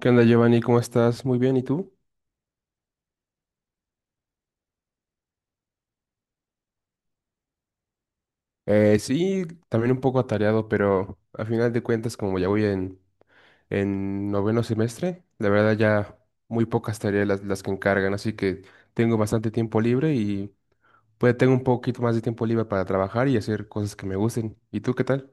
¿Qué onda, Giovanni? ¿Cómo estás? Muy bien, ¿y tú? Sí, también un poco atareado, pero a final de cuentas, como ya voy en noveno semestre, la verdad ya muy pocas tareas las que encargan, así que tengo bastante tiempo libre y pues tengo un poquito más de tiempo libre para trabajar y hacer cosas que me gusten. ¿Y tú qué tal?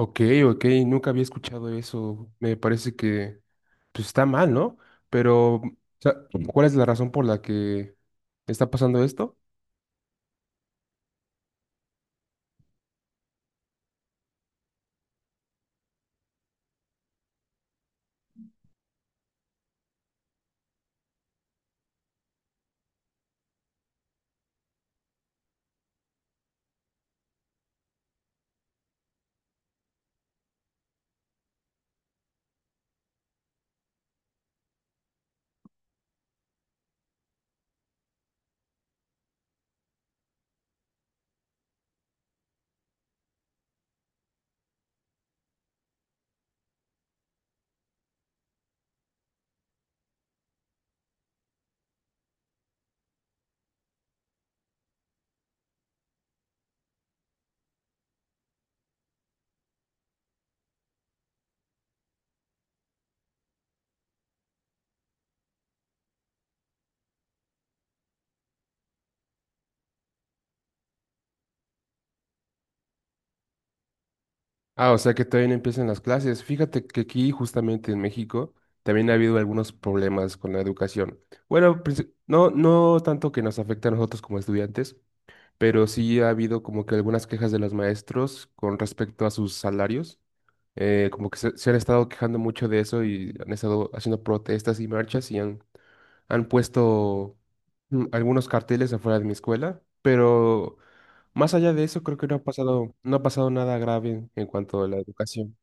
Ok, ok, nunca había escuchado eso. Me parece que pues está mal, ¿no? Pero, o sea, ¿cuál es la razón por la que está pasando esto? Ah, o sea que todavía no empiezan las clases. Fíjate que aquí, justamente en México, también ha habido algunos problemas con la educación. Bueno, no, no tanto que nos afecte a nosotros como estudiantes, pero sí ha habido como que algunas quejas de los maestros con respecto a sus salarios. Como que se han estado quejando mucho de eso y han estado haciendo protestas y marchas y han puesto algunos carteles afuera de mi escuela, pero más allá de eso creo que no ha pasado, no ha pasado nada grave en cuanto a la educación.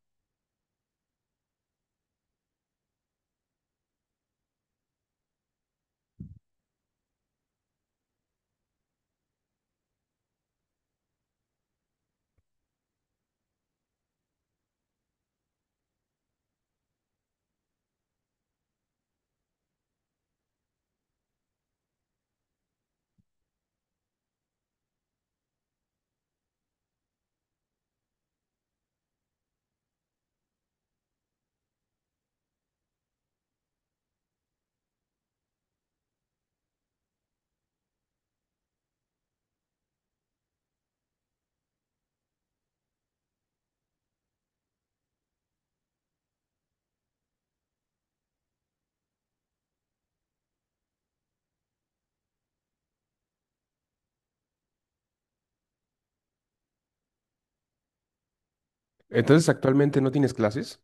Entonces, ¿actualmente no tienes clases?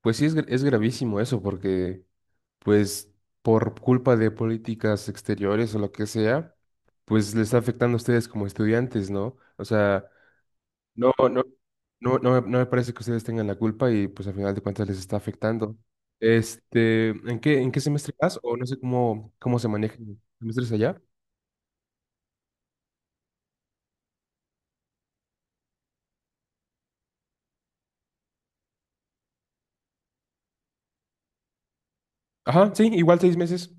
Pues sí, es gravísimo eso, porque pues por culpa de políticas exteriores o lo que sea, pues les está afectando a ustedes como estudiantes, ¿no? O sea, no, no, no, no, me no me parece que ustedes tengan la culpa y pues al final de cuentas les está afectando. Este, en qué semestre vas? O no sé cómo se manejan los semestres allá. Ajá, sí, igual 6 meses.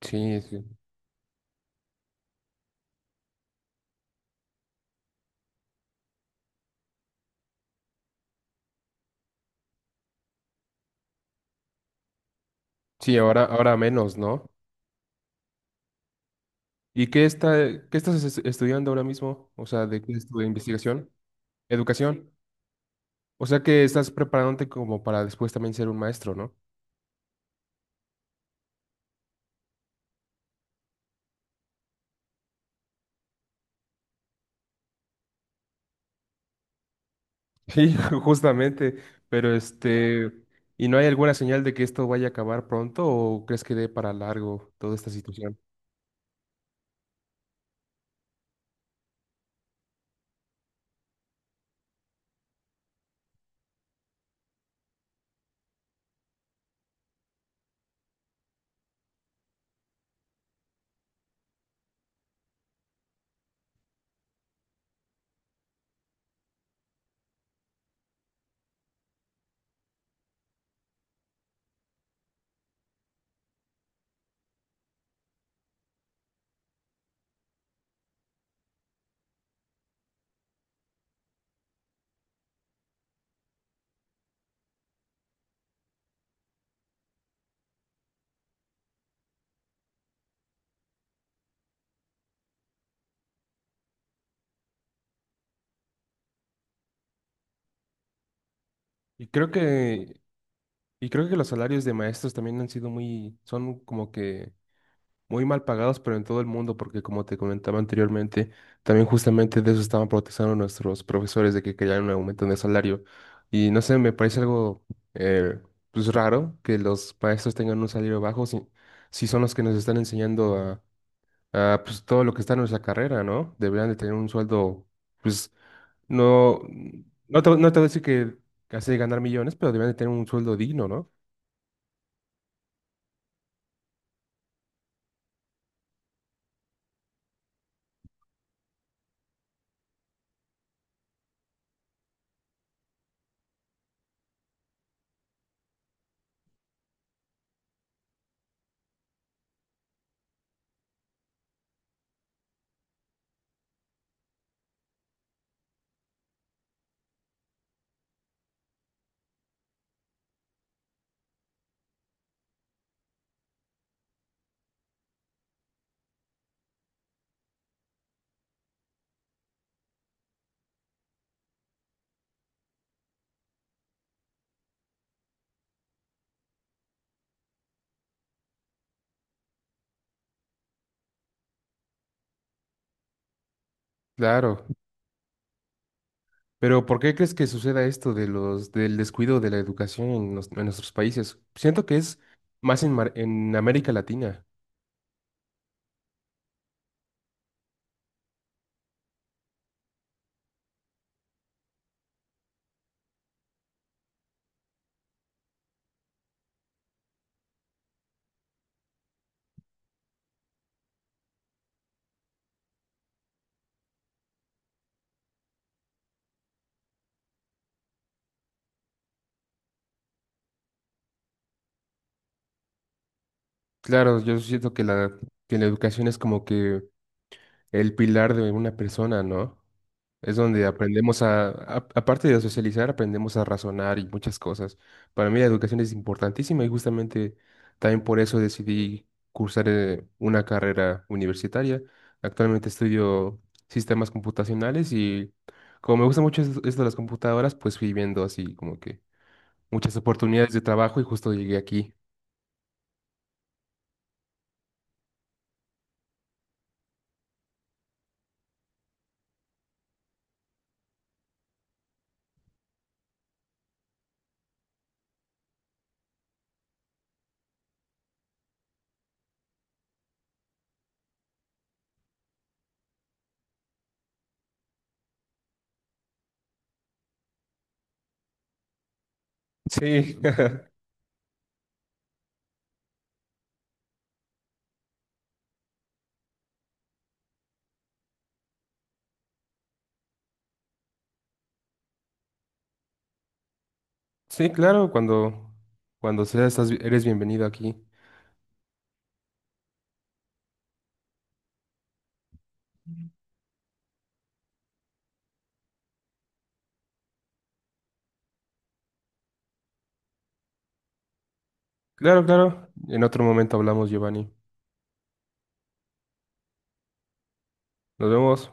Sí, sí. Sí, ahora, ahora menos, ¿no? ¿Y qué está, qué estudiando ahora mismo? O sea, ¿de qué es tu investigación? Educación. O sea que estás preparándote como para después también ser un maestro, ¿no? Sí, justamente, pero este, ¿y no hay alguna señal de que esto vaya a acabar pronto o crees que dé para largo toda esta situación? Y creo que, y creo que los salarios de maestros también han sido son como que muy mal pagados, pero en todo el mundo, porque como te comentaba anteriormente, también justamente de eso estaban protestando nuestros profesores de que querían un aumento de salario. Y no sé, me parece algo eh, pues raro que los maestros tengan un salario bajo si son los que nos están enseñando ah, pues todo lo que está en nuestra carrera, ¿no? Deberían de tener un sueldo, pues no, no te voy a decir que hace ganar millones, pero deberían de tener un sueldo digno, ¿no? Claro. Pero ¿por qué crees que suceda esto del descuido de la educación en nuestros países? Siento que es más en América Latina. Claro, yo siento que que la educación es como que el pilar de una persona, ¿no? Es donde aprendemos aparte de socializar, aprendemos a razonar y muchas cosas. Para mí la educación es importantísima y justamente también por eso decidí cursar una carrera universitaria. Actualmente estudio sistemas computacionales y como me gusta mucho esto de las computadoras, pues fui viendo así como que muchas oportunidades de trabajo y justo llegué aquí. Sí, sí, claro, cuando eres bienvenido aquí. Claro, claro. En otro momento hablamos, Giovanni. Nos vemos.